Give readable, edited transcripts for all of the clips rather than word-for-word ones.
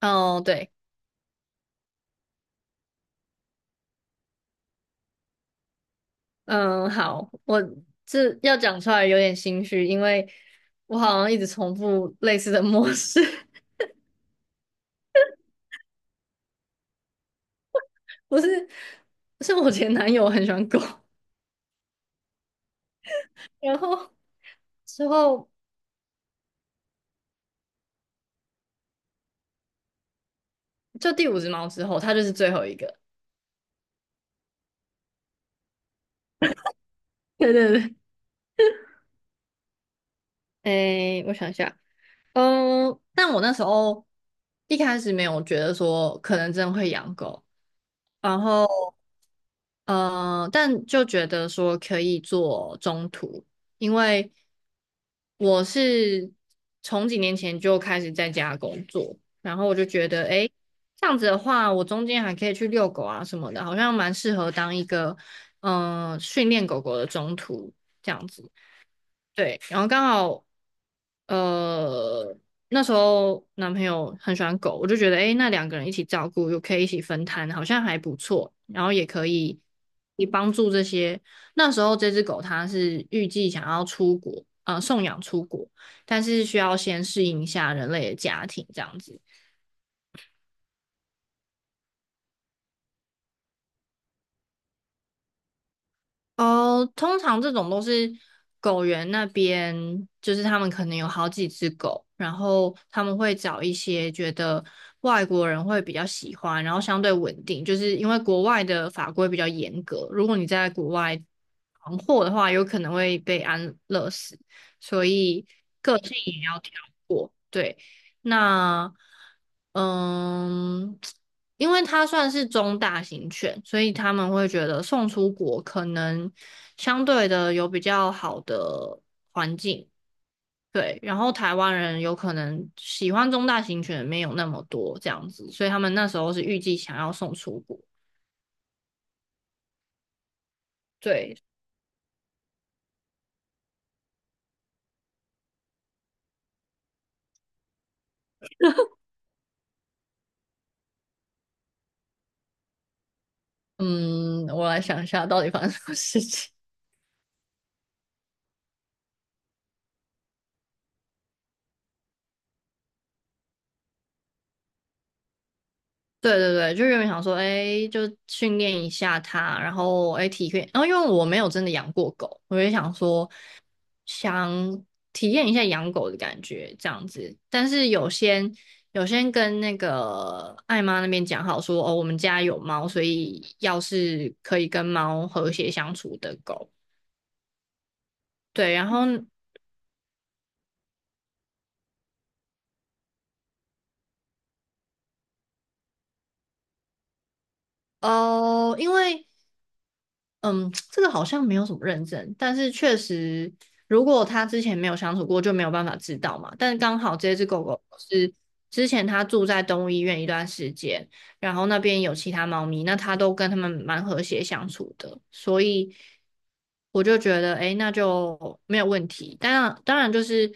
哦，对，嗯，好，我这要讲出来有点心虚，因为我好像一直重复类似的模式，不是，是我前男友很喜欢狗，然后之后就第五只猫之后，它就是最后一个。对对对，诶，我想一下，嗯，但我那时候一开始没有觉得说可能真的会养狗。然后。但就觉得说可以做中途，因为我是从几年前就开始在家工作，然后我就觉得，诶，这样子的话，我中间还可以去遛狗啊什么的，好像蛮适合当一个训练狗狗的中途这样子。对，然后刚好。呃，那时候男朋友很喜欢狗，我就觉得，诶，那2个人一起照顾，又可以一起分摊，好像还不错。然后也可以，也帮助这些。那时候这只狗它是预计想要出国，送养出国，但是需要先适应一下人类的家庭这样子。哦，通常这种都是狗园那边，就是他们可能有好几只狗，然后他们会找一些觉得外国人会比较喜欢，然后相对稳定，就是因为国外的法规比较严格，如果你在国外闯祸的话，有可能会被安乐死，所以个性也要挑过。对，那嗯。因为它算是中大型犬，所以他们会觉得送出国可能相对的有比较好的环境，对。然后台湾人有可能喜欢中大型犬没有那么多这样子，所以他们那时候是预计想要送出国。对，嗯，我来想一下到底发生什么事情。对对对，就原本想说，哎，就训练一下它，然后哎体验，然后因为我没有真的养过狗，我就想说想体验一下养狗的感觉这样子，但是有先跟那个艾妈那边讲好说，哦，我们家有猫，所以要是可以跟猫和谐相处的狗，对，然后哦，因为嗯，这个好像没有什么认证，但是确实，如果他之前没有相处过，就没有办法知道嘛。但是刚好这只狗狗是之前它住在动物医院一段时间，然后那边有其他猫咪，那它都跟它们蛮和谐相处的，所以我就觉得，诶，那就没有问题。但当然就是，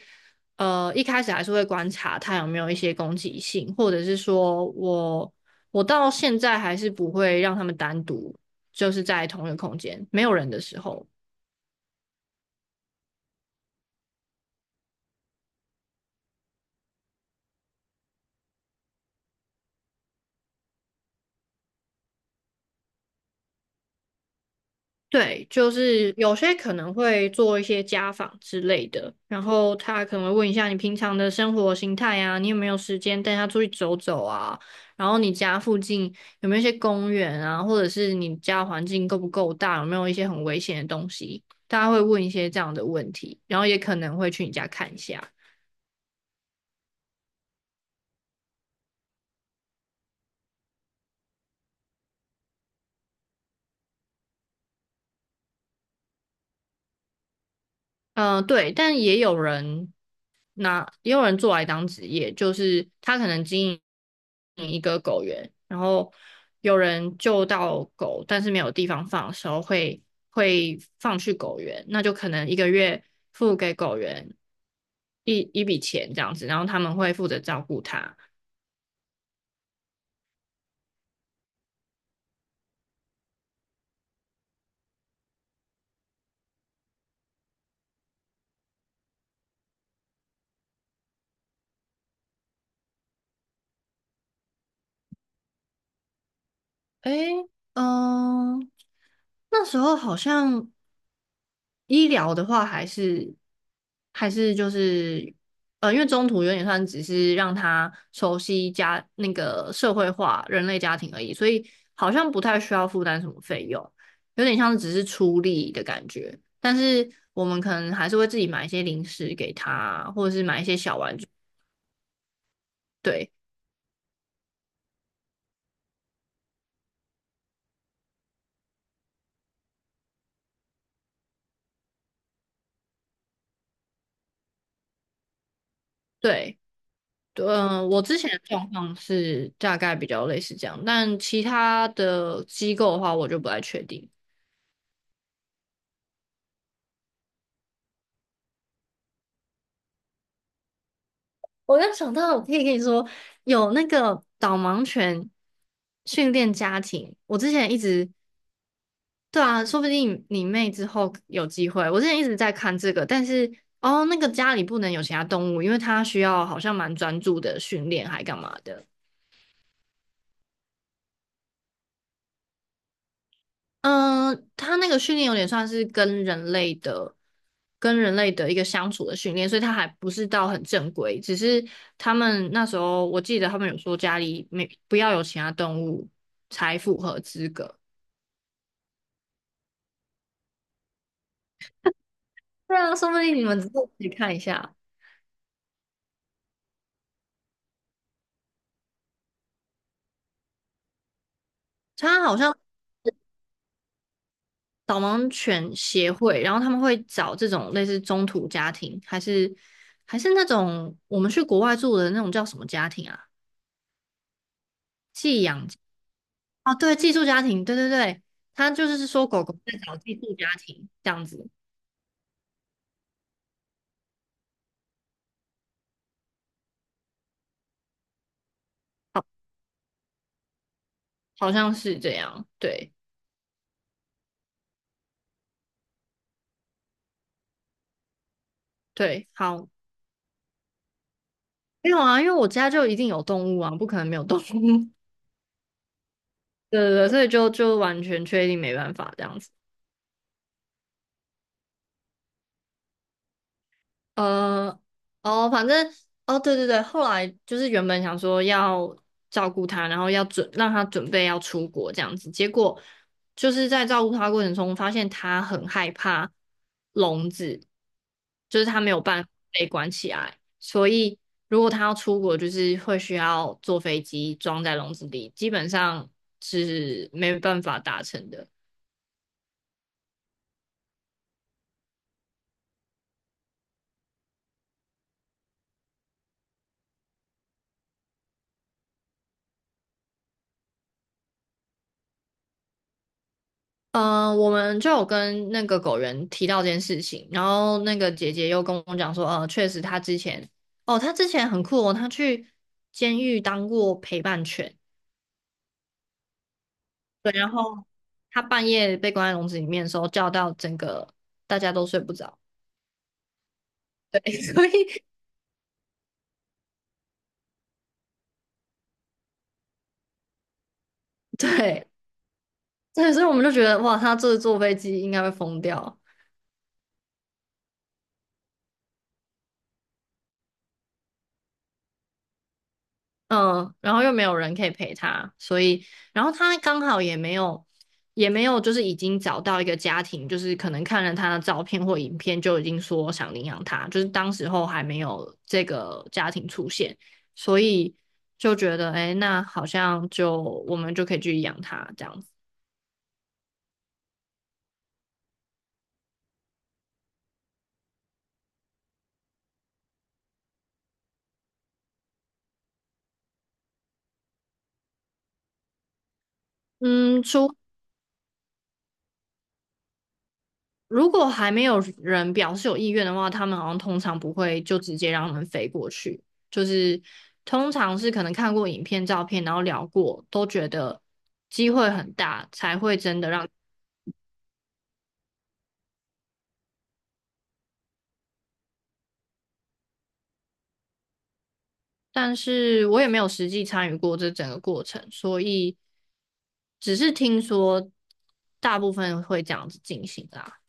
一开始还是会观察它有没有一些攻击性，或者是说我到现在还是不会让它们单独。就是在同一个空间没有人的时候。对，就是有些可能会做一些家访之类的，然后他可能会问一下你平常的生活形态啊，你有没有时间带他出去走走啊？然后你家附近有没有一些公园啊，或者是你家环境够不够大，有没有一些很危险的东西？大家会问一些这样的问题，然后也可能会去你家看一下。对，但也有人做来当职业，就是他可能经营一个狗园，然后有人救到狗，但是没有地方放的时候会放去狗园，那就可能一个月付给狗园一笔钱这样子，然后他们会负责照顾它。诶，嗯、那时候好像。医疗的话，还是就是，因为中途有点算只是让他熟悉家那个社会化人类家庭而已，所以好像不太需要负担什么费用，有点像是只是出力的感觉。但是我们可能还是会自己买一些零食给他，或者是买一些小玩具。对对，我之前的状况是大概比较类似这样，但其他的机构的话，我就不太确定。我刚想到，我可以跟你说，有那个导盲犬训练家庭，我之前一直，对啊，说不定你妹之后有机会。我之前一直在看这个，但是哦，那个家里不能有其他动物，因为它需要好像蛮专注的训练，还干嘛的。嗯，他那个训练有点算是跟人类的、跟人类的一个相处的训练，所以他还不是到很正规。只是他们那时候，我记得他们有说家里没不要有其他动物才符合资格。对啊，说不定你们自己看一下。他好像导盲犬协会，然后他们会找这种类似中途家庭，还是那种我们去国外住的那种叫什么家庭啊？寄养。哦，对，寄宿家庭，对对对，他就是说狗狗在找寄宿家庭这样子，好像是这样，对对，好，没有啊，因为我家就一定有动物啊，不可能没有动物，对对对，所以就完全确定没办法这样子。呃，哦，反正，哦，对对对，后来就是原本想说要照顾他，然后要准让他准备要出国这样子，结果就是在照顾他过程中，发现他很害怕笼子，就是他没有办法被关起来，所以如果他要出国，就是会需要坐飞机装在笼子里，基本上是没办法达成的。嗯，我们就有跟那个狗人提到这件事情，然后那个姐姐又跟我讲说，确实她之前，哦，她之前很酷哦，她去监狱当过陪伴犬，对，然后她半夜被关在笼子里面的时候，叫到整个大家都睡不着，对，所以对对，所以我们就觉得哇，她这坐飞机应该会疯掉。嗯，然后又没有人可以陪他，所以，然后他刚好也没有，就是已经找到一个家庭，就是可能看了他的照片或影片就已经说想领养他，就是当时候还没有这个家庭出现，所以就觉得，哎，那好像就我们就可以去养他这样子。嗯，如果还没有人表示有意愿的话，他们好像通常不会就直接让他们飞过去，就是通常是可能看过影片、照片，然后聊过，都觉得机会很大，才会真的让。但是我也没有实际参与过这整个过程，所以只是听说大部分会这样子进行啦。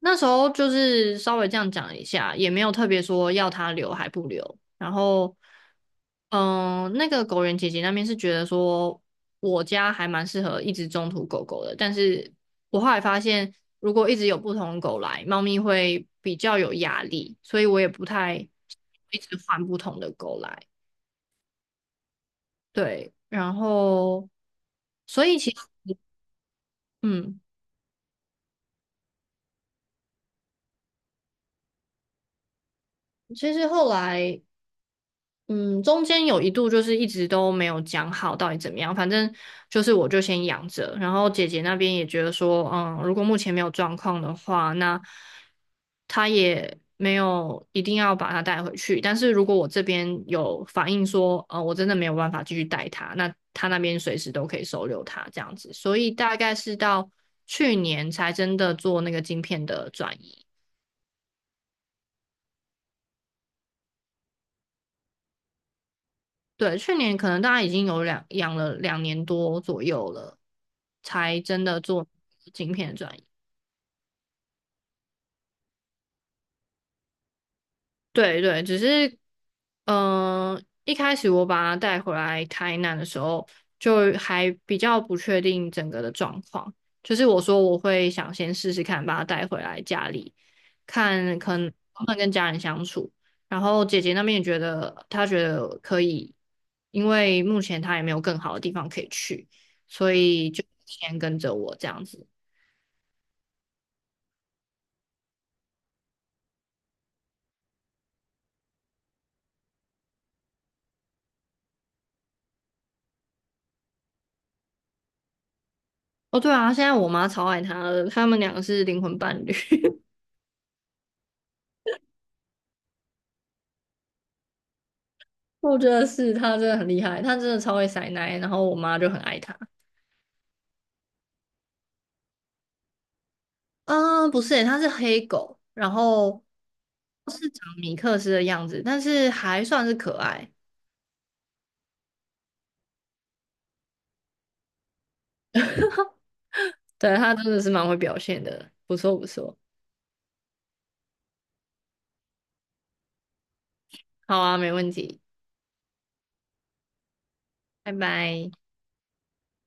那时候就是稍微这样讲一下，也没有特别说要它留还不留。然后，嗯，那个狗园姐姐那边是觉得说我家还蛮适合一直中途狗狗的，但是我后来发现，如果一直有不同的狗来，猫咪会比较有压力，所以我也不太一直换不同的狗来。对，然后，所以其实，嗯，其实后来嗯，中间有一度就是一直都没有讲好到底怎么样，反正就是我就先养着，然后姐姐那边也觉得说，嗯，如果目前没有状况的话，那她也没有一定要把它带回去，但是如果我这边有反映说，我真的没有办法继续带它，那她那边随时都可以收留它这样子，所以大概是到去年才真的做那个晶片的转移。对，去年可能大家已经有两养了2年多左右了，才真的做晶片的转移。对对，只是，一开始我把它带回来台南的时候，就还比较不确定整个的状况。就是我说我会想先试试看，把它带回来家里，看可能能不能跟家人相处。然后姐姐那边也觉得，她觉得可以，因为目前她也没有更好的地方可以去，所以就先跟着我这样子。哦，对啊，现在我妈超爱他的，他们两个是灵魂伴侣。我觉得是他真的很厉害，他真的超会塞奶，然后我妈就很爱他。啊，不是他是黑狗，然后是长米克斯的样子，但是还算是可爱。对，他真的是蛮会表现的，不错不错。好啊，没问题，拜拜。